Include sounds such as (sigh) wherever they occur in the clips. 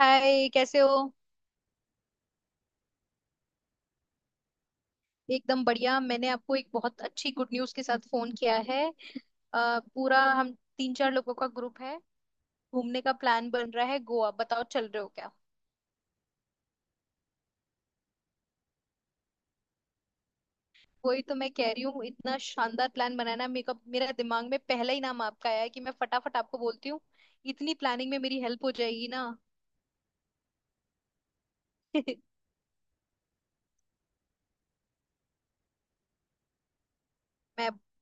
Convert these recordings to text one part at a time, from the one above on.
हाय, कैसे हो। एकदम बढ़िया, मैंने आपको एक बहुत अच्छी गुड न्यूज़ के साथ फोन किया है। अ, पूरा हम तीन चार लोगों का ग्रुप है, घूमने का प्लान बन रहा है गोवा, बताओ चल रहे हो क्या। वही तो मैं कह रही हूँ, इतना शानदार प्लान बनाना मेरा मेरा दिमाग में पहला ही नाम आपका आया है कि मैं फटाफट आपको बोलती हूँ, इतनी प्लानिंग में मेरी हेल्प हो जाएगी ना। (laughs) मैं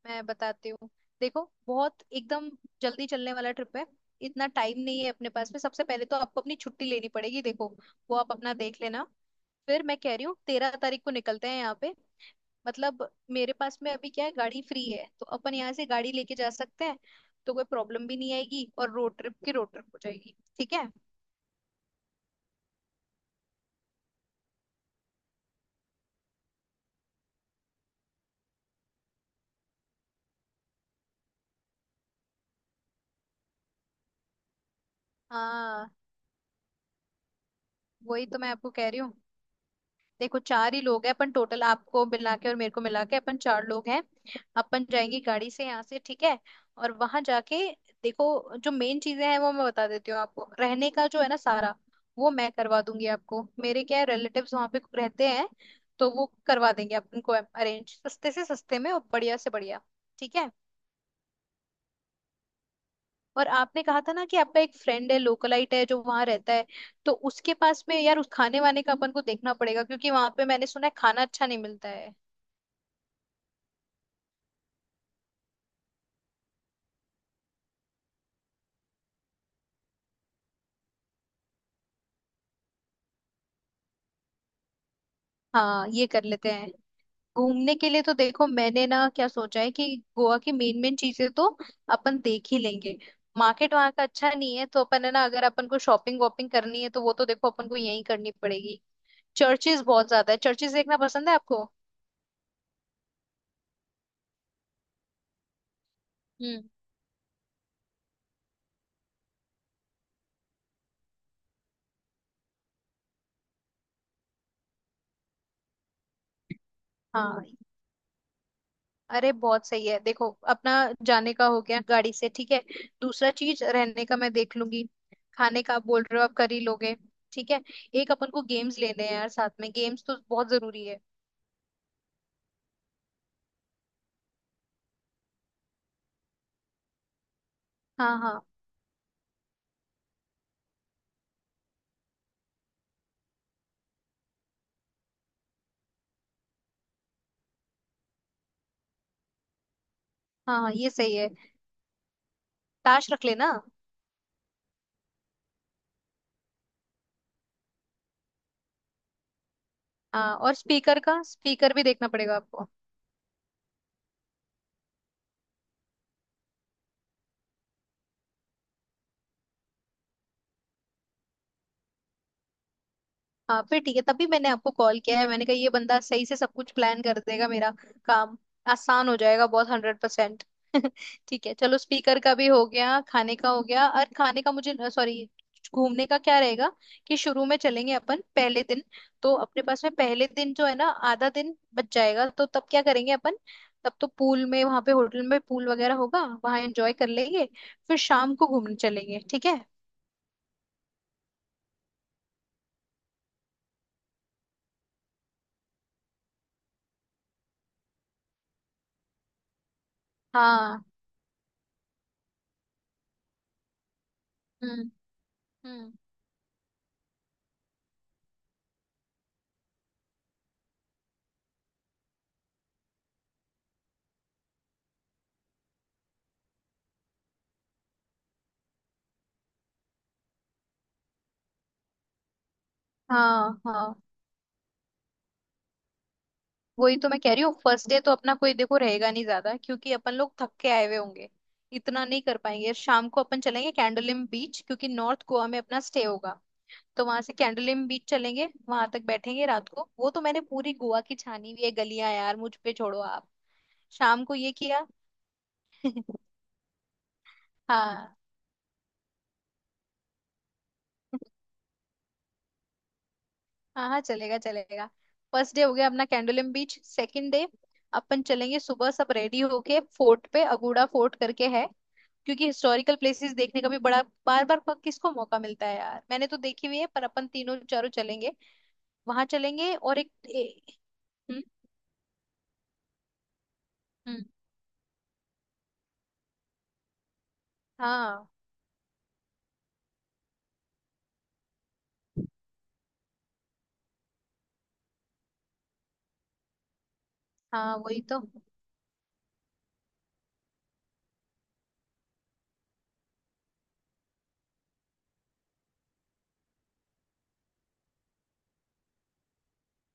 मैं बताती हूँ। देखो, बहुत एकदम जल्दी चलने वाला ट्रिप है, इतना टाइम नहीं है अपने पास में। सबसे पहले तो आपको अपनी छुट्टी लेनी पड़ेगी, देखो वो आप अपना देख लेना। फिर मैं कह रही हूँ 13 तारीख को निकलते हैं यहाँ पे। मतलब मेरे पास में अभी क्या है, गाड़ी फ्री है, तो अपन यहाँ से गाड़ी लेके जा सकते हैं, तो कोई प्रॉब्लम भी नहीं आएगी और रोड ट्रिप की रोड ट्रिप हो जाएगी, ठीक है। हाँ, वही तो मैं आपको कह रही हूँ। देखो, चार ही लोग हैं अपन टोटल, आपको मिला के और मेरे को मिला के अपन चार लोग हैं। अपन जाएंगे गाड़ी से यहाँ से, ठीक है। और वहां जाके देखो, जो मेन चीजें हैं वो मैं बता देती हूँ आपको। रहने का जो है ना सारा वो मैं करवा दूंगी आपको, मेरे क्या है रिलेटिव्स वहां पे रहते हैं, तो वो करवा देंगे अपन को अरेंज, सस्ते से सस्ते में और बढ़िया से बढ़िया, ठीक है। और आपने कहा था ना कि आपका एक फ्रेंड है, लोकलाइट है जो वहां रहता है, तो उसके पास में यार उस खाने वाने का अपन को देखना पड़ेगा, क्योंकि वहां पे मैंने सुना है खाना अच्छा नहीं मिलता है। हाँ, ये कर लेते हैं। घूमने के लिए तो देखो मैंने ना क्या सोचा है कि गोवा की मेन मेन चीजें तो अपन देख ही लेंगे। मार्केट वहाँ का अच्छा नहीं है, तो अपन है ना, अगर अपन को शॉपिंग वॉपिंग करनी है तो वो तो देखो अपन को यहीं करनी पड़ेगी। चर्चेज बहुत ज्यादा है, चर्चेज देखना पसंद है आपको। हम्म। हाँ, अरे बहुत सही है। देखो, अपना जाने का हो गया गाड़ी से, ठीक है। दूसरा चीज, रहने का मैं देख लूंगी, खाने का आप बोल रहे हो आप कर ही लोगे, ठीक है। एक अपन को गेम्स लेने हैं यार, साथ में गेम्स तो बहुत जरूरी है। हाँ हाँ। हाँ हाँ, ये सही है। ताश रख लेना। हाँ और स्पीकर, का स्पीकर भी देखना पड़ेगा आपको। हाँ फिर ठीक है, तभी मैंने आपको कॉल किया है, मैंने कहा ये बंदा सही से सब कुछ प्लान कर देगा, मेरा काम आसान हो जाएगा बहुत, 100%। (laughs) ठीक है चलो, स्पीकर का भी हो गया, खाने का हो गया और खाने का मुझे, सॉरी, घूमने का क्या रहेगा कि शुरू में चलेंगे अपन। पहले दिन तो अपने पास में पहले दिन जो है ना आधा दिन बच जाएगा, तो तब क्या करेंगे अपन। तब तो पूल में, वहां पे होटल में पूल वगैरह होगा, वहां एंजॉय कर लेंगे, फिर शाम को घूमने चलेंगे, ठीक है। हाँ। हम्म। हम्म। हाँ हाँ, वही तो मैं कह रही हूँ, फर्स्ट डे तो अपना कोई देखो रहेगा नहीं ज्यादा, क्योंकि अपन लोग थक के आए हुए होंगे, इतना नहीं कर पाएंगे। शाम को अपन चलेंगे कैंडोलिम बीच, क्योंकि नॉर्थ गोवा में अपना स्टे होगा, तो वहां से कैंडोलिम बीच चलेंगे, वहां तक बैठेंगे रात को, वो तो मैंने पूरी गोवा की छानी हुई है गलियां यार, मुझ पे छोड़ो आप। शाम को ये किया। (laughs) हाँ। हाँ हाँ, चलेगा चलेगा। फर्स्ट डे हो गया अपना कैंडोलिम बीच। सेकंड डे अपन चलेंगे सुबह सब रेडी होके फोर्ट पे, अगुड़ा फोर्ट करके है, क्योंकि हिस्टोरिकल प्लेसेस देखने का भी बड़ा बार बार किसको मौका मिलता है यार, मैंने तो देखी हुई है पर अपन तीनों चारों चलेंगे। वहां चलेंगे और हम्म। हम्म, हाँ हाँ वही तो।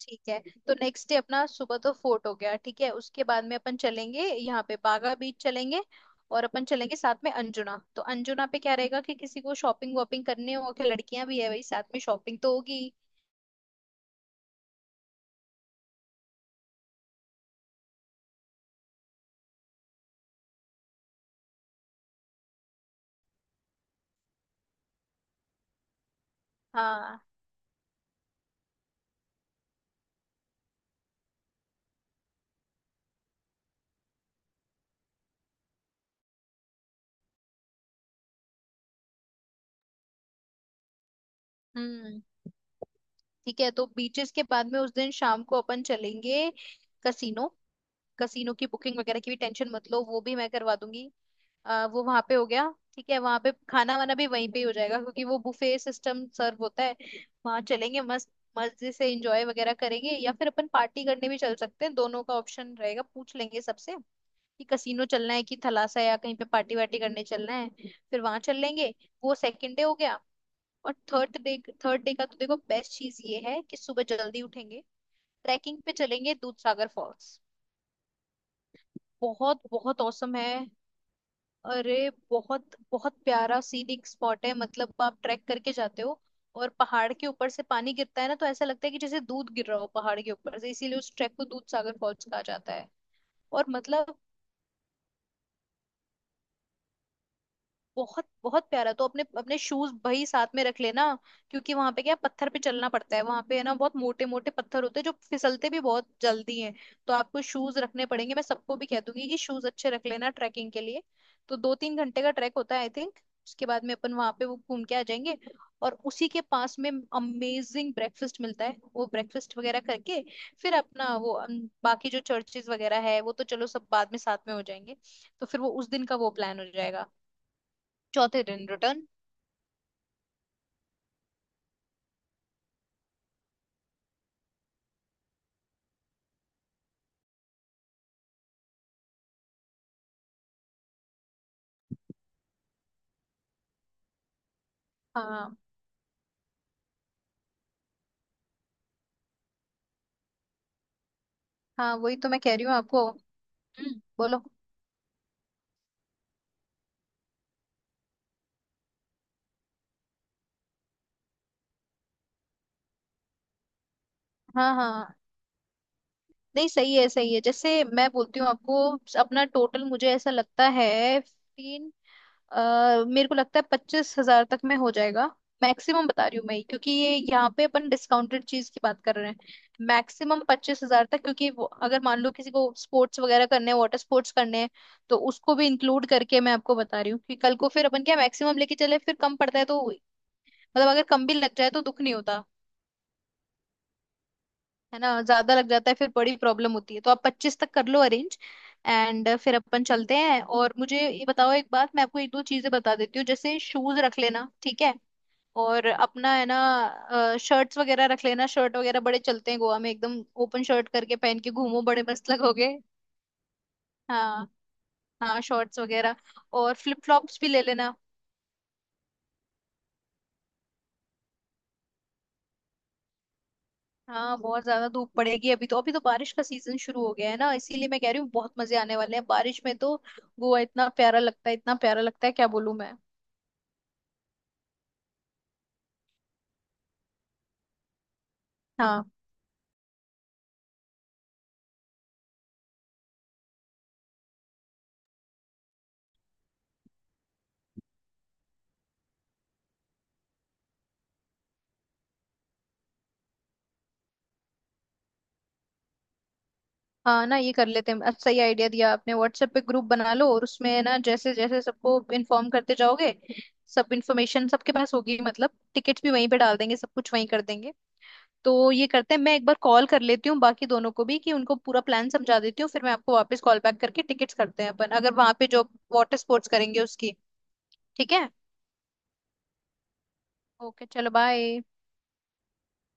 ठीक है, तो नेक्स्ट डे अपना सुबह तो फोर्ट हो गया, ठीक है। उसके बाद में अपन चलेंगे यहाँ पे बागा बीच चलेंगे, और अपन चलेंगे साथ में अंजुना। तो अंजुना पे क्या रहेगा कि किसी को शॉपिंग वॉपिंग करनी हो, कि लड़कियां भी है भाई साथ में शॉपिंग तो होगी। हाँ। हम्म। ठीक है, तो बीचेस के बाद में उस दिन शाम को अपन चलेंगे कसीनो। कसीनो की बुकिंग वगैरह की भी टेंशन मत लो, वो भी मैं करवा दूंगी। वो वहां पे हो गया। ठीक है, वहां पे खाना वाना भी वहीं पे ही हो जाएगा, क्योंकि वो बुफे सिस्टम सर्व होता है। वहां चलेंगे, मस्त मजे से एंजॉय वगैरह करेंगे, या फिर अपन पार्टी करने भी चल सकते हैं, दोनों का ऑप्शन रहेगा, पूछ लेंगे सबसे कि कसीनो चलना है कि थलासा या कहीं पे पार्टी वार्टी करने चलना है, फिर वहां चल लेंगे। वो सेकंड डे हो गया। और थर्ड डे, थर्ड डे का तो देखो बेस्ट चीज ये है कि सुबह जल्दी उठेंगे, ट्रैकिंग पे चलेंगे दूधसागर फॉल्स। बहुत बहुत औसम है। अरे, बहुत बहुत प्यारा सीनिक स्पॉट है, मतलब आप ट्रैक करके जाते हो और पहाड़ के ऊपर से पानी गिरता है ना, तो ऐसा लगता है कि जैसे दूध गिर रहा हो पहाड़ के ऊपर से, इसीलिए उस ट्रैक को दूध सागर फॉल्स कहा जाता है। और मतलब बहुत बहुत प्यारा। तो अपने अपने शूज वही साथ में रख लेना, क्योंकि वहां पे क्या है, पत्थर पे चलना पड़ता है वहां पे, है ना, बहुत मोटे मोटे पत्थर होते हैं जो फिसलते भी बहुत जल्दी हैं, तो आपको शूज रखने पड़ेंगे। मैं सबको भी कह दूंगी कि शूज अच्छे रख लेना ट्रैकिंग के लिए। तो 2-3 घंटे का ट्रैक होता है आई थिंक। उसके बाद में अपन वहां पे वो घूम के आ जाएंगे, और उसी के पास में अमेजिंग ब्रेकफास्ट मिलता है, वो ब्रेकफास्ट वगैरह करके फिर अपना वो बाकी जो चर्चेज वगैरह है वो तो चलो सब बाद में साथ में हो जाएंगे, तो फिर वो उस दिन का वो प्लान हो जाएगा। चौथे दिन रिटर्न। हाँ हाँ, वही तो मैं कह रही हूँ आपको। हम्म, बोलो। हाँ हाँ हाँ। नहीं, सही है सही है, जैसे मैं बोलती हूँ आपको। अपना टोटल मुझे ऐसा लगता है 15, मेरे को लगता है 25,000 तक में हो जाएगा, मैक्सिमम बता रही हूँ मैं, क्योंकि ये यहाँ पे अपन डिस्काउंटेड चीज की बात कर रहे हैं। मैक्सिमम 25,000 तक, क्योंकि वो अगर मान लो किसी को स्पोर्ट्स वगैरह करने हैं, वाटर स्पोर्ट्स करने हैं, तो उसको भी इंक्लूड करके मैं आपको बता रही हूँ कि कल को फिर अपन क्या मैक्सिमम लेके चले फिर कम पड़ता है तो। मतलब अगर कम भी लग जाए तो दुख नहीं होता, है ना, ज्यादा लग जाता है फिर बड़ी प्रॉब्लम होती है, तो आप 25 तक कर लो अरेंज। एंड फिर अपन चलते हैं। और मुझे ये बताओ, एक बात मैं आपको एक दो चीजें बता देती हूँ, जैसे शूज रख लेना, ठीक है, और अपना है ना शर्ट्स वगैरह रख लेना। शर्ट वगैरह बड़े चलते हैं गोवा में, एकदम ओपन शर्ट करके पहन के घूमो, बड़े मस्त लगोगे। हाँ, हाँ शॉर्ट्स वगैरह, और फ्लिप फ्लॉप्स भी ले लेना। हाँ, बहुत ज्यादा धूप पड़ेगी अभी, तो अभी तो बारिश का सीजन शुरू हो गया है ना, इसीलिए मैं कह रही हूँ, बहुत मजे आने वाले हैं बारिश में तो। गोवा इतना प्यारा लगता है, इतना प्यारा लगता है, क्या बोलूं मैं। हाँ, हाँ ना, ये कर लेते हैं, अच्छा सही आइडिया दिया आपने, व्हाट्सएप पे ग्रुप बना लो और उसमें ना जैसे जैसे सबको इन्फॉर्म करते जाओगे, सब इन्फॉर्मेशन सबके पास होगी, मतलब टिकट्स भी वहीं पे डाल देंगे, सब कुछ वहीं कर देंगे। तो ये करते हैं, मैं एक बार कॉल कर लेती हूँ बाकी दोनों को भी, कि उनको पूरा प्लान समझा देती हूँ, फिर मैं आपको वापस कॉल बैक करके टिकट्स करते हैं अपन। अगर वहां पे जो वाटर स्पोर्ट्स करेंगे उसकी, ठीक है। ओके, चलो बाय।